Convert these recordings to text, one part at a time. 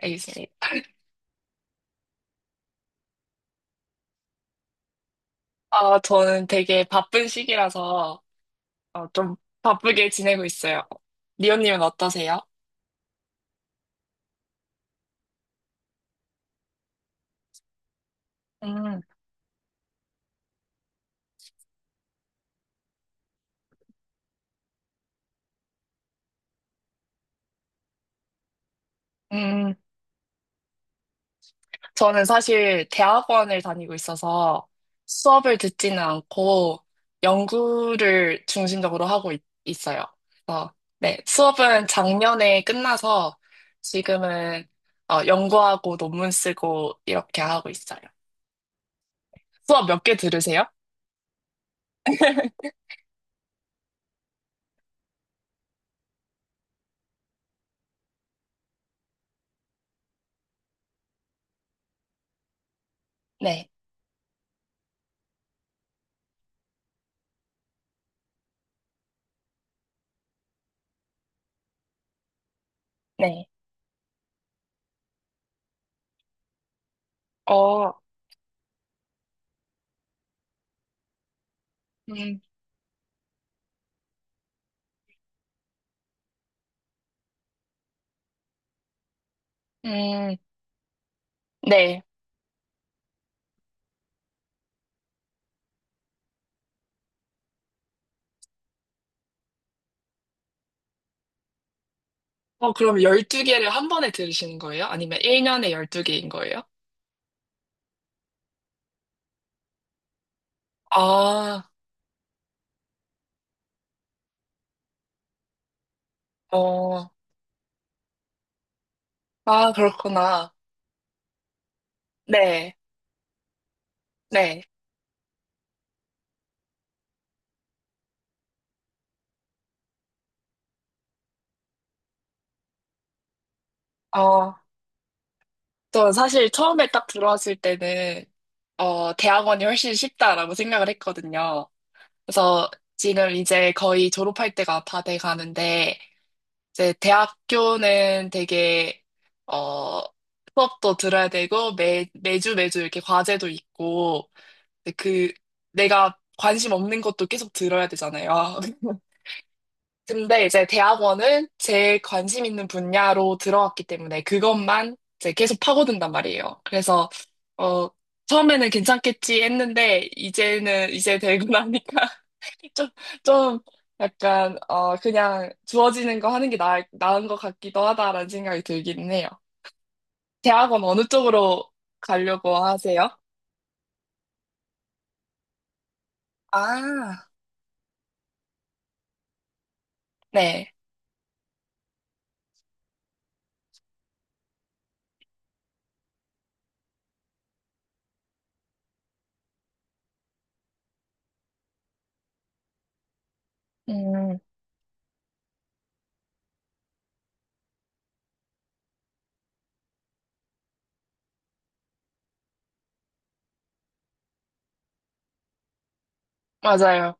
알겠습니다. 저는 되게 바쁜 시기라서 좀 바쁘게 지내고 있어요. 리오님은 어떠세요? 음, 음, 저는 사실 대학원을 다니고 있어서 수업을 듣지는 않고 연구를 중심적으로 하고 있, 어요. 그래서, 네, 수업은 작년에 끝나서 지금은 연구하고 논문 쓰고 이렇게 하고 있어요. 수업 몇 개 들으세요? 네, 네. 어, 음, 음. 네. 그럼 12개를 한 번에 들으시는 거예요? 아니면 1년에 12개인 거예요? 아, 어, 그렇구나. 네, 네. 어, 저 사실 처음에 딱 들어왔을 때는, 대학원이 훨씬 쉽다라고 생각을 했거든요. 그래서 지금 이제 거의 졸업할 때가 다 돼 가는데, 이제 대학교는 되게, 어, 수업도 들어야 되고, 매주 매주 이렇게 과제도 있고, 근데 그 내가 관심 없는 것도 계속 들어야 되잖아요. 근데 이제 대학원은 제 관심 있는 분야로 들어왔기 때문에 그것만 이제 계속 파고든단 말이에요. 그래서 어 처음에는 괜찮겠지 했는데 이제는 이제 되고 나니까 좀, 좀 약간 그냥 주어지는 거 하는 게 나은 것 같기도 하다라는 생각이 들긴 해요. 대학원 어느 쪽으로 가려고 하세요? 아, 네. 음, 맞아요.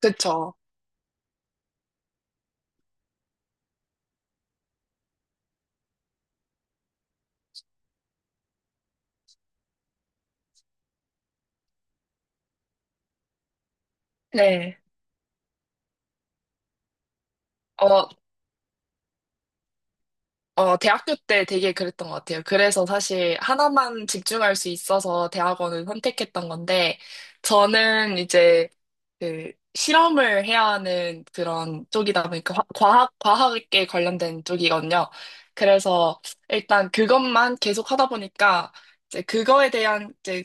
그쵸. 네. 어, 대학교 때 되게 그랬던 것 같아요. 그래서 사실 하나만 집중할 수 있어서 대학원을 선택했던 건데, 저는 이제 그 실험을 해야 하는 그런 쪽이다 보니까 과학에 관련된 쪽이거든요. 그래서 일단 그것만 계속 하다 보니까 이제 그거에 대한 이제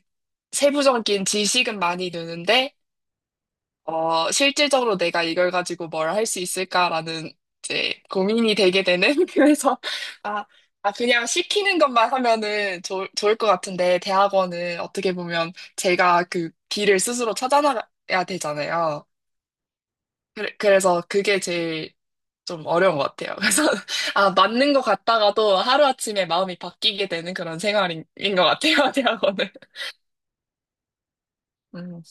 세부적인 지식은 많이 느는데, 실질적으로 내가 이걸 가지고 뭘 할 수 있을까라는 이제 고민이 되게 되는 그래서 아, 아 그냥 시키는 것만 하면은 좋을 것 같은데 대학원은 어떻게 보면 제가 그 길을 스스로 찾아나가야 되잖아요. 그래, 그래서 그게 제일 좀 어려운 것 같아요. 그래서 아 맞는 것 같다가도 하루아침에 마음이 바뀌게 되는 그런 생활인 것 같아요, 대학원은. 음.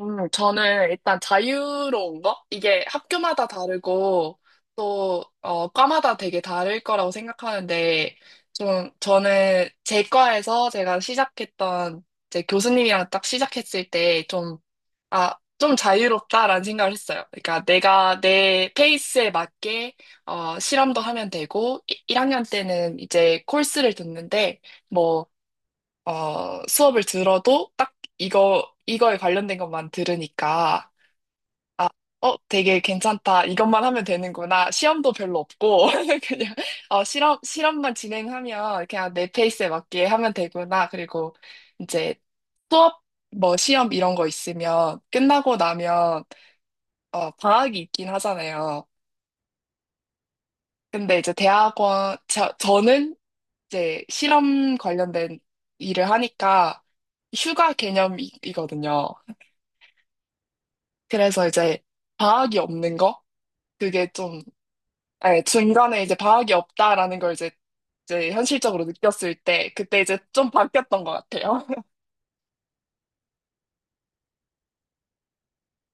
저는 일단 자유로운 거? 이게 학교마다 다르고 또 과마다 되게 다를 거라고 생각하는데 좀 저는 제 과에서 제가 시작했던 제 교수님이랑 딱 시작했을 때 좀, 아, 좀 자유롭다라는 생각을 했어요. 그러니까 내가 내 페이스에 맞게 실험도 하면 되고, 1학년 때는 이제 코र्스를 듣는데 뭐 수업을 들어도 딱 이거에 관련된 것만 들으니까, 아, 되게 괜찮다. 이것만 하면 되는구나. 시험도 별로 없고, 그냥, 실험만 진행하면 그냥 내 페이스에 맞게 하면 되구나. 그리고 이제 수업, 뭐 시험 이런 거 있으면 끝나고 나면, 방학이 있긴 하잖아요. 근데 이제 대학원, 저는 이제 실험 관련된 일을 하니까 휴가 개념이거든요. 그래서 이제 과학이 없는 거? 그게 좀, 예, 중간에 이제 과학이 없다라는 걸 이제, 이제 현실적으로 느꼈을 때, 그때 이제 좀 바뀌었던 것 같아요.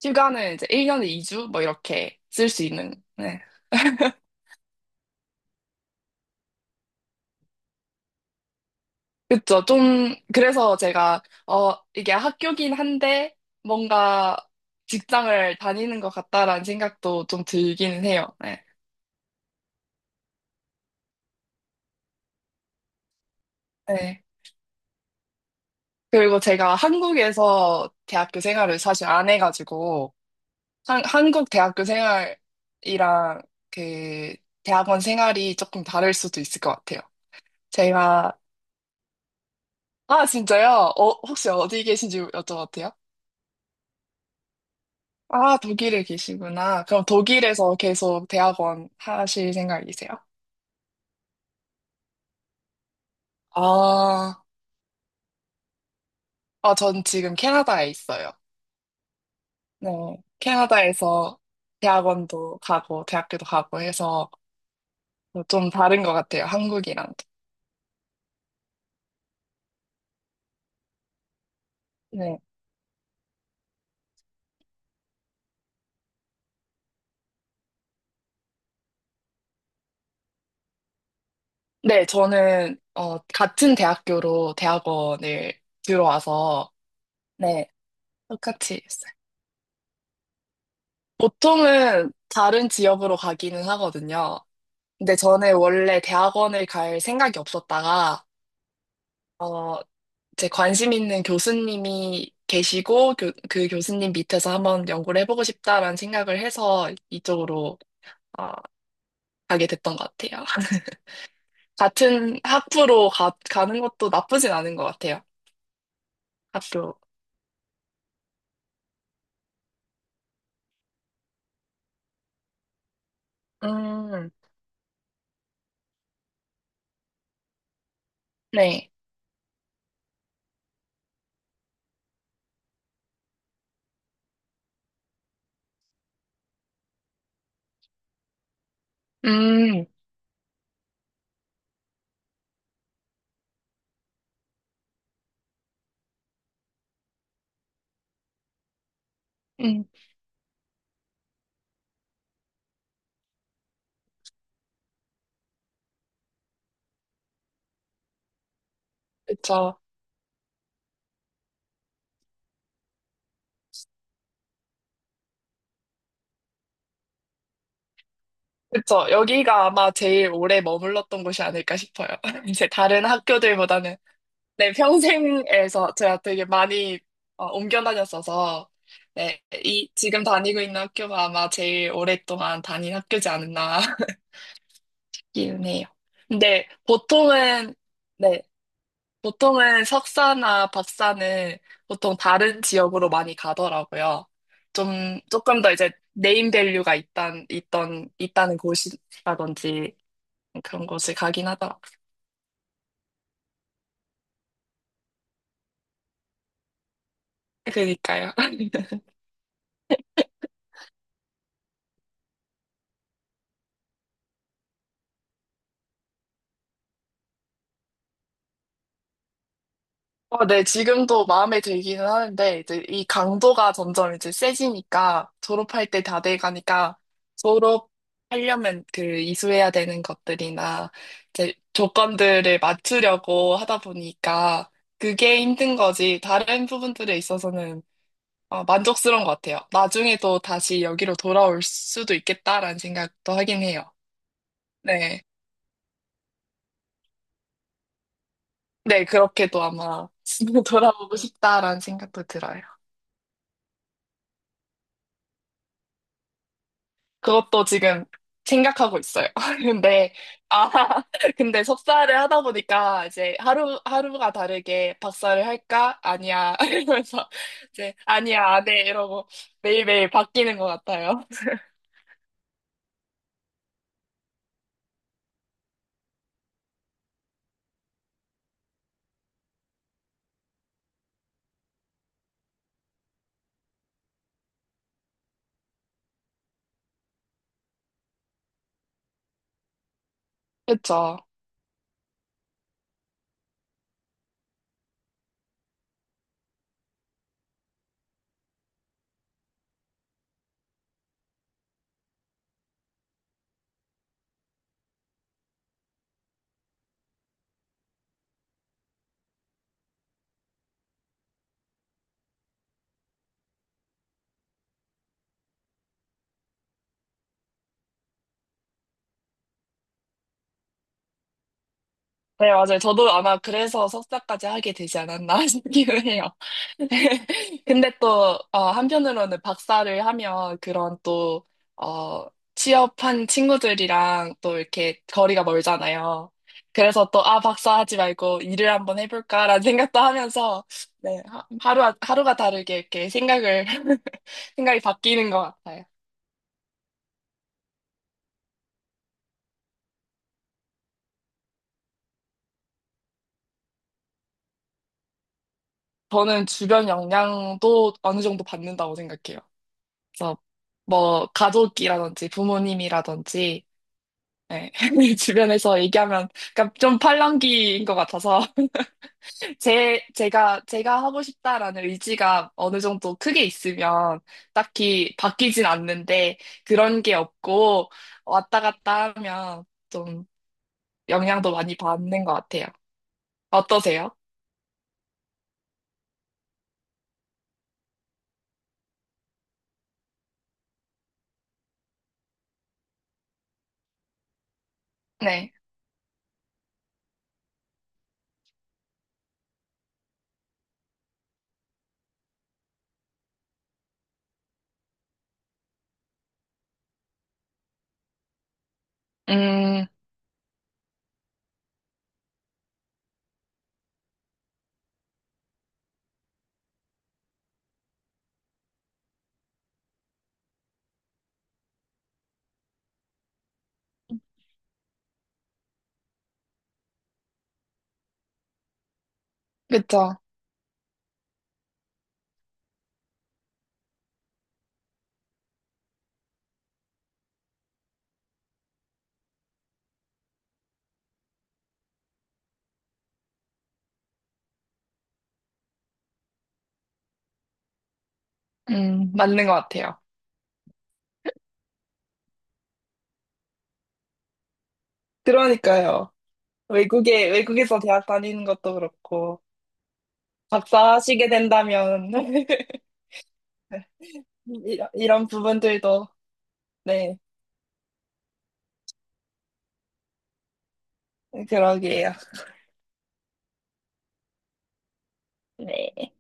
휴가는 이제 1년에 2주? 뭐 이렇게 쓸 수 있는, 네. 그쵸. 좀, 그래서 제가, 이게 학교긴 한데, 뭔가 직장을 다니는 것 같다라는 생각도 좀 들기는 해요. 네. 네. 그리고 제가 한국에서 대학교 생활을 사실 안 해가지고, 한국 대학교 생활이랑 그 대학원 생활이 조금 다를 수도 있을 것 같아요. 제가, 아, 진짜요? 혹시 어디 계신지 여쭤봐도 돼요? 아, 독일에 계시구나. 그럼 독일에서 계속 대학원 하실 생각이세요? 아, 전 지금 캐나다에 있어요. 네, 캐나다에서 대학원도 가고 대학교도 가고 해서 좀 다른 것 같아요, 한국이랑. 네, 저는 같은 대학교로 대학원을 들어와서 네, 똑같이 했어요. 보통은 다른 지역으로 가기는 하거든요. 근데 저는 원래 대학원을 갈 생각이 없었다가 어, 제 관심 있는 교수님이 계시고 그 교수님 밑에서 한번 연구를 해보고 싶다라는 생각을 해서 이쪽으로 어, 가게 됐던 것 같아요. 같은 학부로 가는 것도 나쁘진 않은 것 같아요. 학교. 음, 네. 음, 음, 그쵸. 그쵸. 여기가 아마 제일 오래 머물렀던 곳이 아닐까 싶어요. 이제 다른 학교들보다는. 네, 평생에서 제가 되게 많이 옮겨 다녔어서, 네, 지금 다니고 있는 학교가 아마 제일 오랫동안 다닌 학교지 않았나 기운해요. 근데 보통은, 네, 보통은 석사나 박사는 보통 다른 지역으로 많이 가더라고요. 좀, 조금 더 이제 네임 밸류가 있다는 곳이라든지 그런 곳을 가긴 하더라고요. 그니까요. 네, 지금도 마음에 들기는 하는데, 이제 이 강도가 점점 이제 세지니까, 졸업할 때 다 돼가니까, 졸업하려면 그 이수해야 되는 것들이나, 이제 조건들을 맞추려고 하다 보니까, 그게 힘든 거지, 다른 부분들에 있어서는 만족스러운 것 같아요. 나중에도 다시 여기로 돌아올 수도 있겠다라는 생각도 하긴 해요. 네. 네, 그렇게도 아마 돌아오고 싶다라는 생각도 들어요. 그것도 지금 생각하고 있어요. 근데, 아, 근데 석사를 하다 보니까 이제 하루가 다르게 박사를 할까? 아니야. 이러면서 이제, 아니야, 안 해. 이러고 매일매일 바뀌는 것 같아요. 그쵸. 네, 맞아요. 저도 아마 그래서 석사까지 하게 되지 않았나 싶기도 해요. 근데 또, 한편으로는 박사를 하면 그런 또, 어, 취업한 친구들이랑 또 이렇게 거리가 멀잖아요. 그래서 또, 아, 박사 하지 말고 일을 한번 해볼까라는 생각도 하면서, 네, 하루가 다르게 이렇게 생각을, 생각이 바뀌는 것 같아요. 저는 주변 영향도 어느 정도 받는다고 생각해요. 그래서 뭐 가족이라든지 부모님이라든지, 네, 주변에서 얘기하면 그러니까 좀 팔랑귀인 것 같아서 제 제가 제가 하고 싶다라는 의지가 어느 정도 크게 있으면 딱히 바뀌진 않는데 그런 게 없고 왔다 갔다 하면 좀 영향도 많이 받는 것 같아요. 어떠세요? 네. 음, 그쵸. 맞는 것 같아요. 그러니까요. 외국에서 대학 다니는 것도 그렇고. 박사하시게 된다면 이런, 이런 부분들도. 네, 그러게요. 네.